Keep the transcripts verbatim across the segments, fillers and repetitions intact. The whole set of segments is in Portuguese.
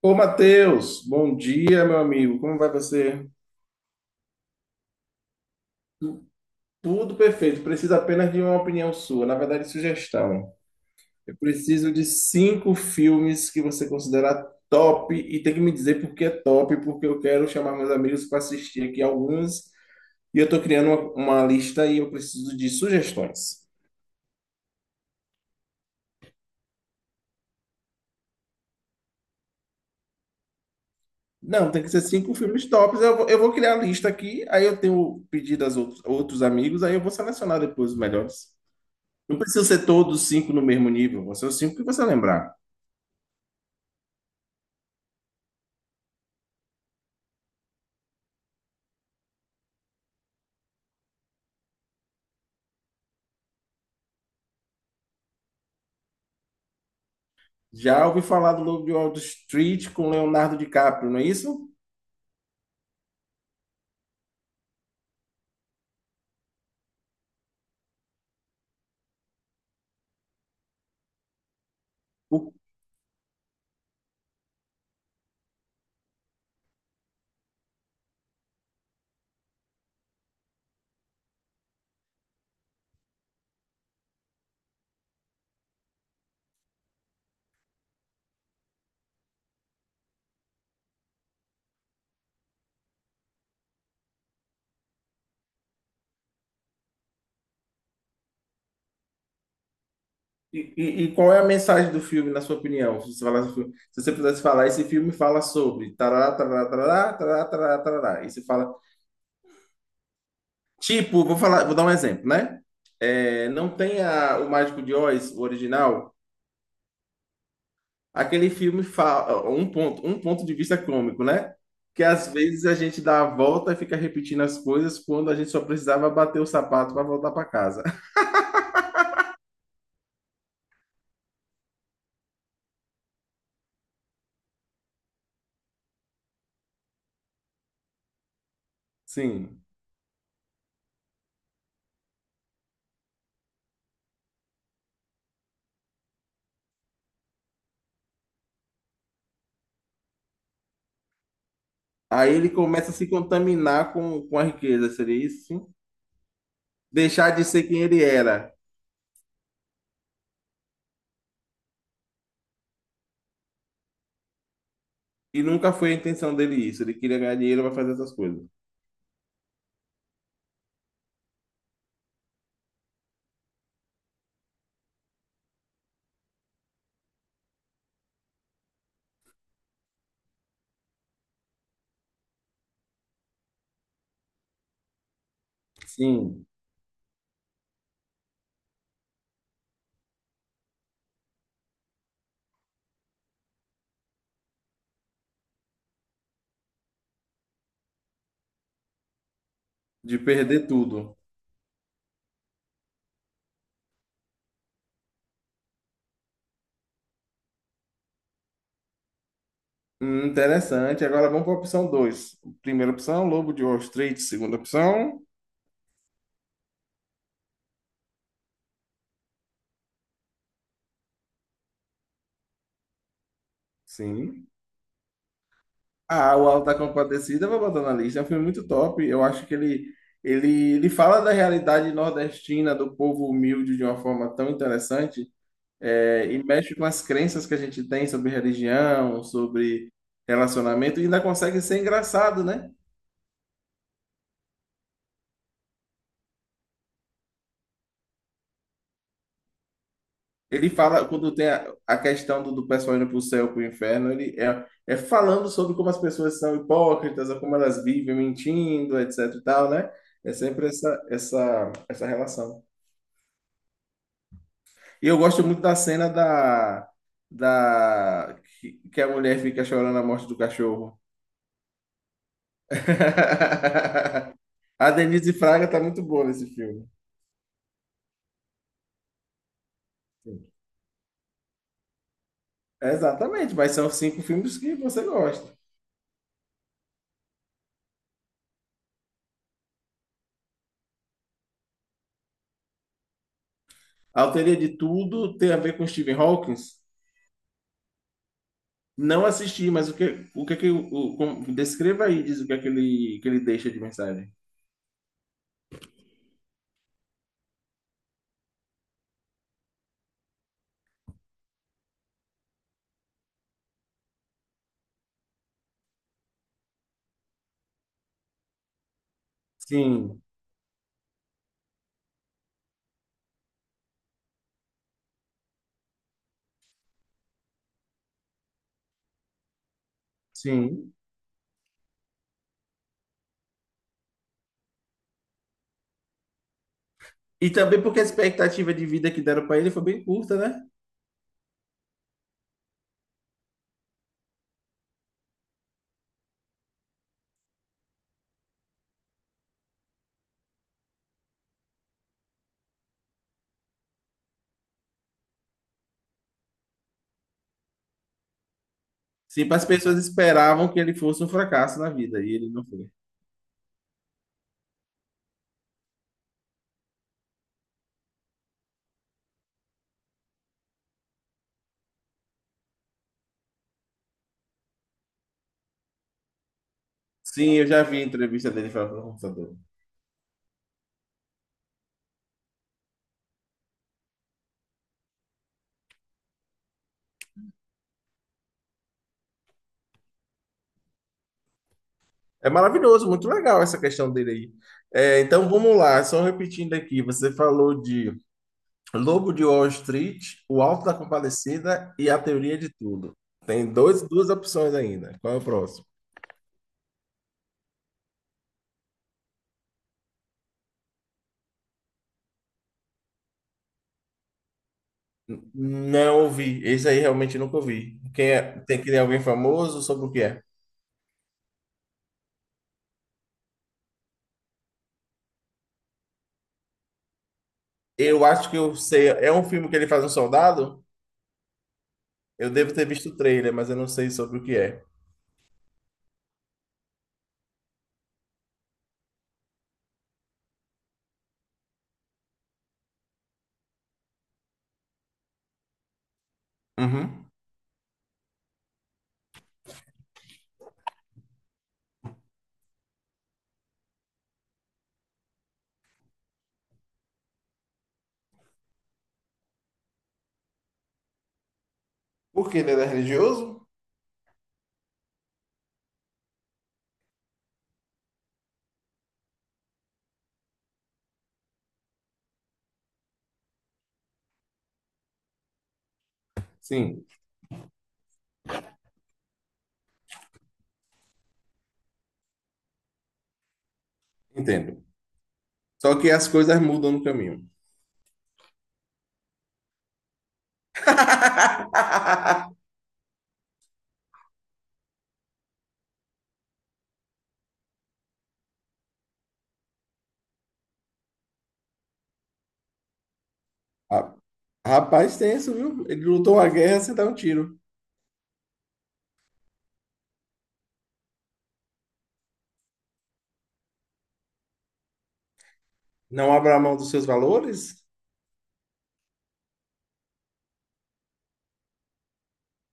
Ô, Matheus, bom dia, meu amigo. Como vai você? Tudo perfeito. Preciso apenas de uma opinião sua, na verdade, sugestão. Eu preciso de cinco filmes que você considera top e tem que me dizer por que é top, porque eu quero chamar meus amigos para assistir aqui alguns e eu tô criando uma, uma lista e eu preciso de sugestões. Não, tem que ser cinco filmes tops. Eu vou, eu vou criar a lista aqui, aí eu tenho pedido aos outros, outros amigos, aí eu vou selecionar depois os melhores. Não precisa ser todos os cinco no mesmo nível, vão ser os cinco que você lembrar. Já ouvi falar do Lobo de Wall Street com Leonardo DiCaprio, não é isso? O- e, e- e qual é a mensagem do filme, na sua opinião? Se você falasse do filme- se você pudesse falar, esse filme fala sobre tarará, tarará, tarará, tarará, tarará, tarará. E você fala, tipo, vou falar, vou dar um exemplo, né? É, não tem a- o Mágico de Oz, o original. Aquele filme fa- um ponto, um ponto de vista cômico, né? Que às vezes a gente dá a volta e fica repetindo as coisas quando a gente só precisava bater o sapato para voltar para casa. Sim. Aí ele começa a se contaminar com, com a riqueza, seria isso? Sim? Deixar de ser quem ele era. E nunca foi a intenção dele isso. Ele queria ganhar dinheiro para fazer essas coisas. Sim. De perder tudo. Hum, interessante. Agora vamos para a opção dois. Primeira opção, Lobo de Wall Street. Segunda opção. Sim. Ah, o Alto da Compadecida, eu vou botar na lista. É um filme muito top. Eu acho que ele, ele, ele fala da realidade nordestina, do povo humilde, de uma forma tão interessante, é, e mexe com as crenças que a gente tem sobre religião, sobre relacionamento, e ainda consegue ser engraçado, né? Ele fala, quando tem a, a questão do, do pessoal indo para o céu, para o inferno, ele é, é falando sobre como as pessoas são hipócritas, ou como elas vivem mentindo, etc e tal, né? É sempre essa, essa, essa relação. E eu gosto muito da cena da, da que, que a mulher fica chorando a morte do cachorro. A Denise Fraga tá muito boa nesse filme. Sim. Exatamente, mas são cinco filmes que você gosta. A Autoria de Tudo tem a ver com Stephen Hawking? Não assisti, mas o que o que, que o, o- com- descreva aí, diz o que é que ele, que ele deixa de mensagem. Sim, sim. E também porque a expectativa de vida que deram para ele foi bem curta, né? Sim, as pessoas esperavam que ele fosse um fracasso na vida, e ele não foi. Sim, eu já vi a entrevista dele falando com computador. É maravilhoso, muito legal essa questão dele aí. É, então vamos lá, só repetindo aqui, você falou de Lobo de Wall Street, O Alto da Compadecida e A Teoria de Tudo. Tem dois, duas opções ainda. Qual é o próximo? N- Não ouvi, esse aí realmente nunca ouvi. Quem é? Tem que ter alguém famoso? Sobre o que é? Eu acho que eu sei, é um filme que ele faz um soldado? Eu devo ter visto o trailer, mas eu não sei sobre o que é. Uhum. Porque ele era religioso? Sim, entendo. Só que as coisas mudam no caminho. Ah, rapaz, tenso, viu? Ele lutou a guerra sem dar um tiro. Não abra mão dos seus valores?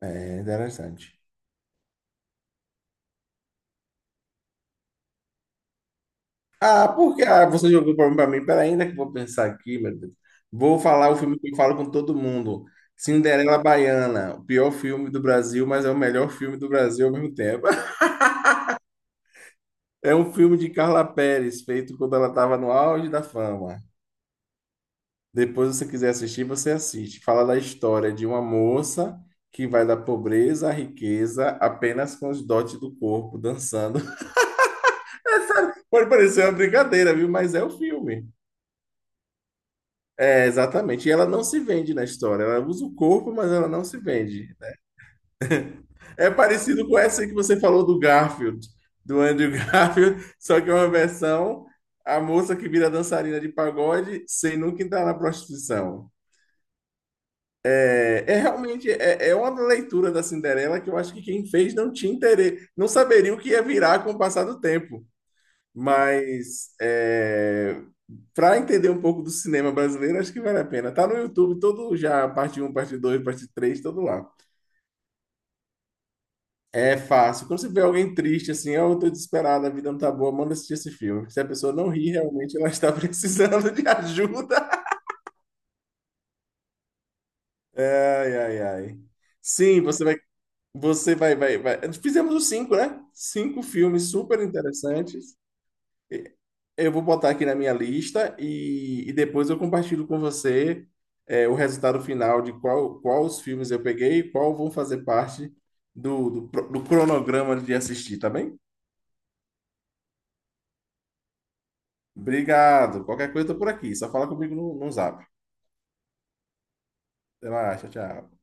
É interessante. Ah, porque ah, você jogou para mim, pra mim. Peraí, ainda que eu vou pensar aqui, meu Deus. Vou falar o filme que eu falo com todo mundo. Cinderela Baiana, o pior filme do Brasil, mas é o melhor filme do Brasil ao mesmo tempo. É um filme de Carla Perez, feito quando ela estava no auge da fama. Depois, se você quiser assistir, você assiste. Fala da história de uma moça que vai da pobreza à riqueza apenas com os dotes do corpo, dançando. Pode parecer uma brincadeira, viu? Mas é o filme. É, exatamente. E ela não se vende na história. Ela usa o corpo, mas ela não se vende. É parecido com essa que você falou do Garfield, do Andrew Garfield, só que é uma versão a moça que vira dançarina de pagode sem nunca entrar na prostituição. É, é realmente é, é uma leitura da Cinderela que eu acho que quem fez não tinha interesse, não saberia o que ia virar com o passar do tempo. Mas para entender um pouco do cinema brasileiro, acho que vale a pena. Tá no YouTube todo já, parte um, parte dois, parte três, todo lá. É fácil. Quando você vê alguém triste, assim, oh, eu tô desesperado, a vida não tá boa, manda assistir esse filme. Se a pessoa não ri, realmente ela está precisando de ajuda. Ai, ai, ai. Sim, você vai, você vai, vai, vai. Fizemos os cinco, né? Cinco filmes super interessantes. E- Eu vou botar aqui na minha lista e, e depois eu compartilho com você é, o resultado final de qual, qual os filmes eu peguei e qual vão fazer parte do, do, pro- do cronograma de assistir, tá bem? Obrigado. Qualquer coisa, eu tô por aqui. Só fala comigo no, no zap. Até mais, tchau, tchau.